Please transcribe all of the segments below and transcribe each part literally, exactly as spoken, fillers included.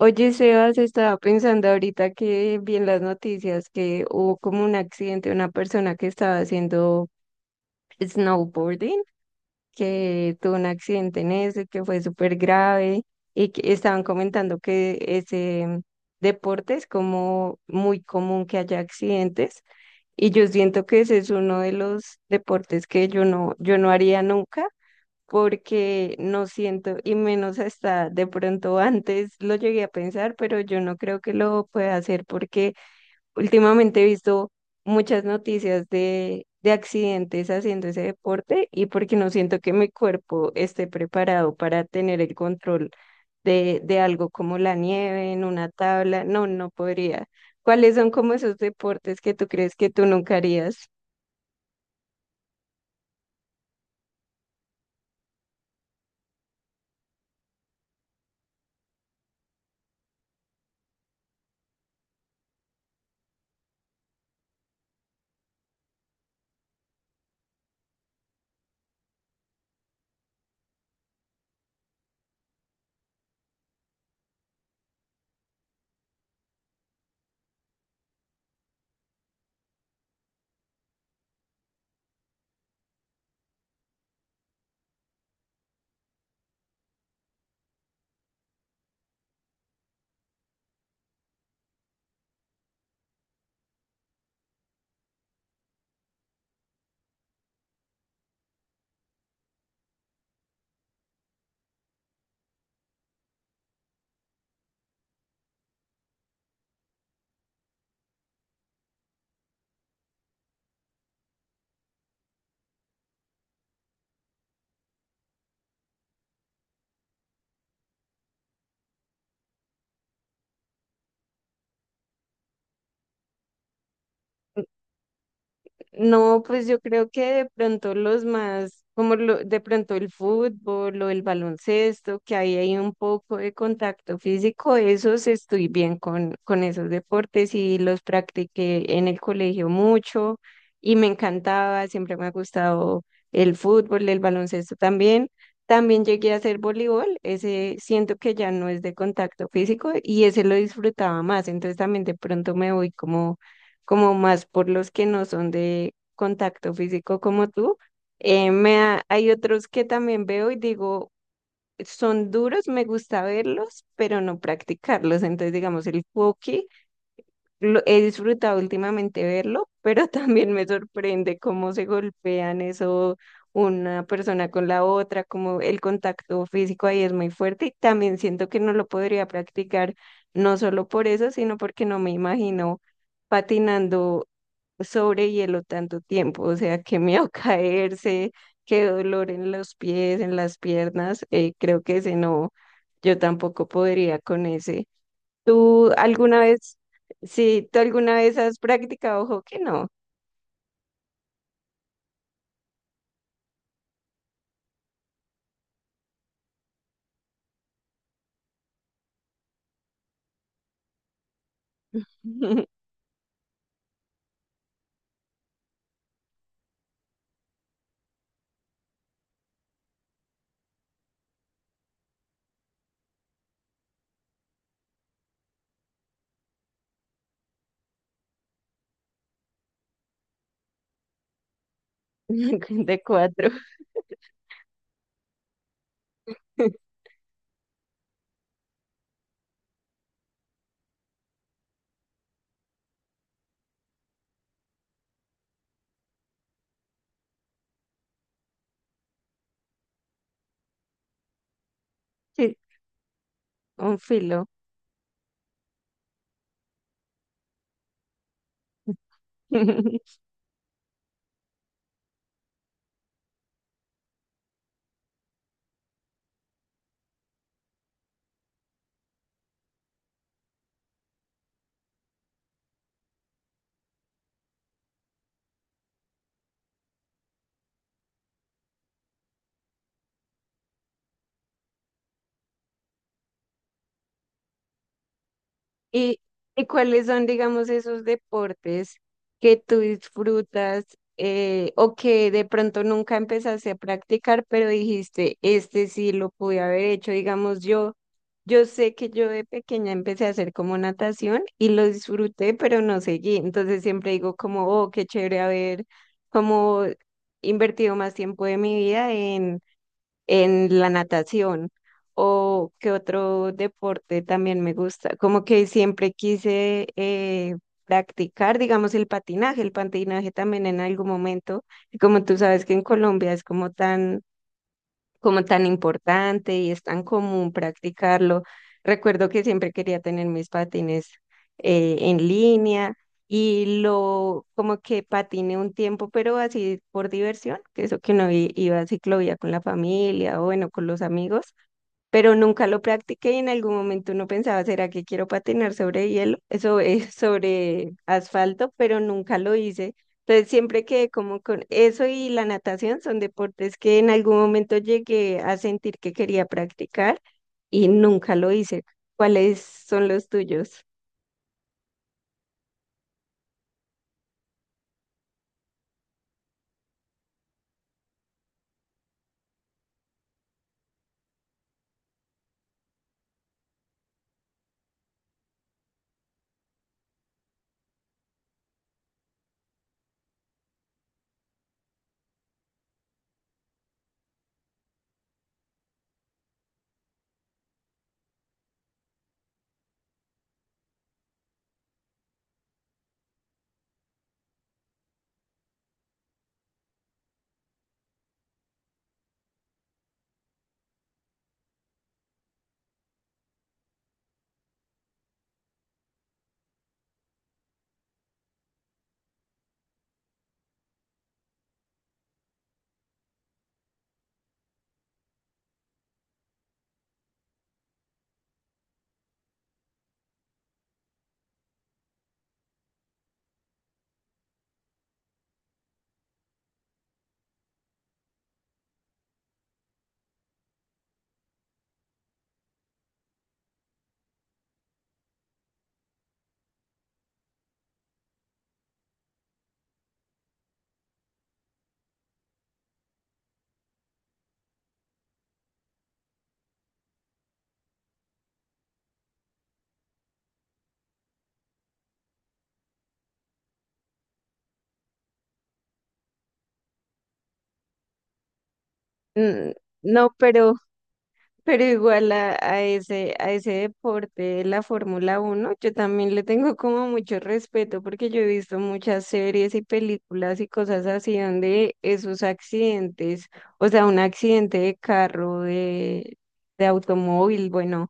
Oye, Sebas, estaba pensando ahorita que vi en las noticias que hubo como un accidente, una persona que estaba haciendo snowboarding, que tuvo un accidente en ese, que fue súper grave y que estaban comentando que ese mm, deporte es como muy común que haya accidentes y yo siento que ese es uno de los deportes que yo no, yo no haría nunca porque no siento, y menos hasta de pronto antes lo llegué a pensar, pero yo no creo que lo pueda hacer porque últimamente he visto muchas noticias de, de accidentes haciendo ese deporte y porque no siento que mi cuerpo esté preparado para tener el control de, de algo como la nieve en una tabla, no, no podría. ¿Cuáles son como esos deportes que tú crees que tú nunca harías? No, pues yo creo que de pronto los más, como lo, de pronto el fútbol o el baloncesto, que ahí hay un poco de contacto físico, esos estoy bien con, con esos deportes y los practiqué en el colegio mucho y me encantaba, siempre me ha gustado el fútbol, el baloncesto también. También llegué a hacer voleibol, ese siento que ya no es de contacto físico y ese lo disfrutaba más, entonces también de pronto me voy como como más por los que no son de contacto físico como tú. Eh, me ha- hay otros que también veo y digo, son duros, me gusta verlos, pero no practicarlos. Entonces, digamos, el hockey, lo, he disfrutado últimamente verlo, pero también me sorprende cómo se golpean eso una persona con la otra, como el contacto físico ahí es muy fuerte y también siento que no lo podría practicar, no solo por eso, sino porque no me imagino patinando sobre hielo tanto tiempo, o sea, qué miedo caerse, qué dolor en los pies, en las piernas, eh, creo que ese no, yo tampoco podría con ese. ¿Tú alguna vez, sí, ¿tú alguna vez has practicado hockey? No, de cuatro, sí, un filo. ¿Y, y cuáles son, digamos, esos deportes que tú disfrutas, eh, o que de pronto nunca empezaste a practicar, pero dijiste, este sí lo pude haber hecho? Digamos, yo, yo sé que yo de pequeña empecé a hacer como natación y lo disfruté, pero no seguí. Entonces siempre digo como, oh, qué chévere haber como invertido más tiempo de mi vida en la natación o qué otro deporte también me gusta. Como que siempre quise, eh, practicar, digamos, el patinaje. El patinaje también en algún momento, y como tú sabes que en Colombia es como tan como tan importante y es tan común practicarlo. Recuerdo que siempre quería tener mis patines, eh, en línea y lo como que patiné un tiempo, pero así por diversión, que eso que uno i- iba a ciclovía con la familia o bueno, con los amigos, pero nunca lo practiqué y en algún momento uno pensaba, ¿será que quiero patinar sobre hielo, sobre, sobre asfalto? Pero nunca lo hice. Entonces siempre quedé como con eso y la natación son deportes que en algún momento llegué a sentir que quería practicar y nunca lo hice. ¿Cuáles son los tuyos? Mm. No, pero Pero igual a, a ese, a ese deporte, la Fórmula Uno yo también le tengo como mucho respeto porque yo he visto muchas series y películas y cosas así donde esos accidentes, o sea, un accidente de carro, de, de automóvil, bueno,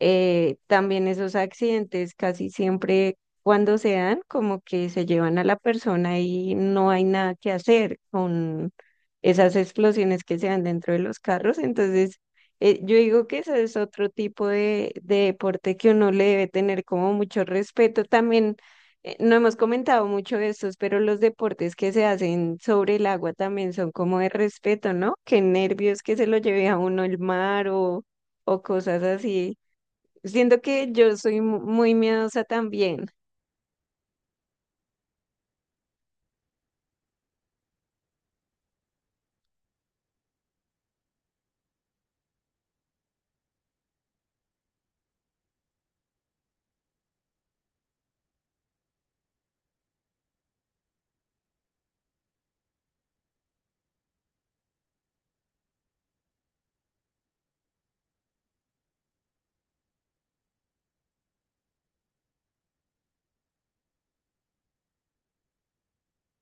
eh, también esos accidentes casi siempre cuando se dan, como que se llevan a la persona y no hay nada que hacer con esas explosiones que se dan dentro de los carros. Entonces, eh, yo digo que ese es otro tipo de, de deporte que uno le debe tener como mucho respeto. También, eh, no hemos comentado mucho de estos, pero los deportes que se hacen sobre el agua también son como de respeto, ¿no? Qué nervios que se lo lleve a uno el mar o, o cosas así. Siento que yo soy mu- muy miedosa también.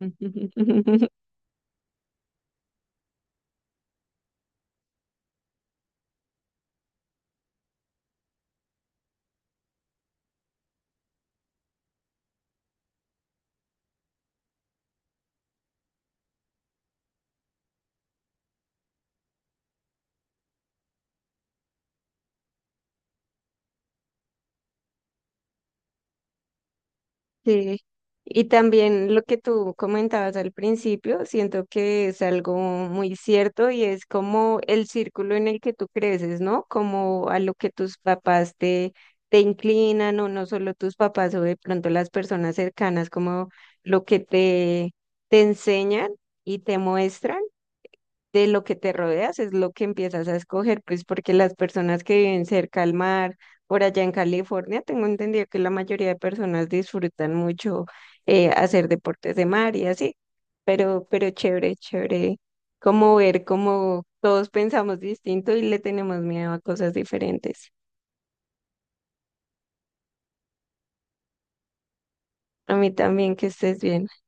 Sí. Y también lo que tú comentabas al principio, siento que es algo muy cierto y es como el círculo en el que tú creces, ¿no? Como a lo que tus papás te, te inclinan o no solo tus papás o de pronto las personas cercanas, como lo que te, te enseñan y te muestran, de lo que te rodeas es lo que empiezas a escoger, pues porque las personas que viven cerca al mar, por allá en California, tengo entendido que la mayoría de personas disfrutan mucho, eh, hacer deportes de mar y así, pero, pero chévere, chévere, como ver cómo todos pensamos distinto y le tenemos miedo a cosas diferentes. A mí también, que estés bien.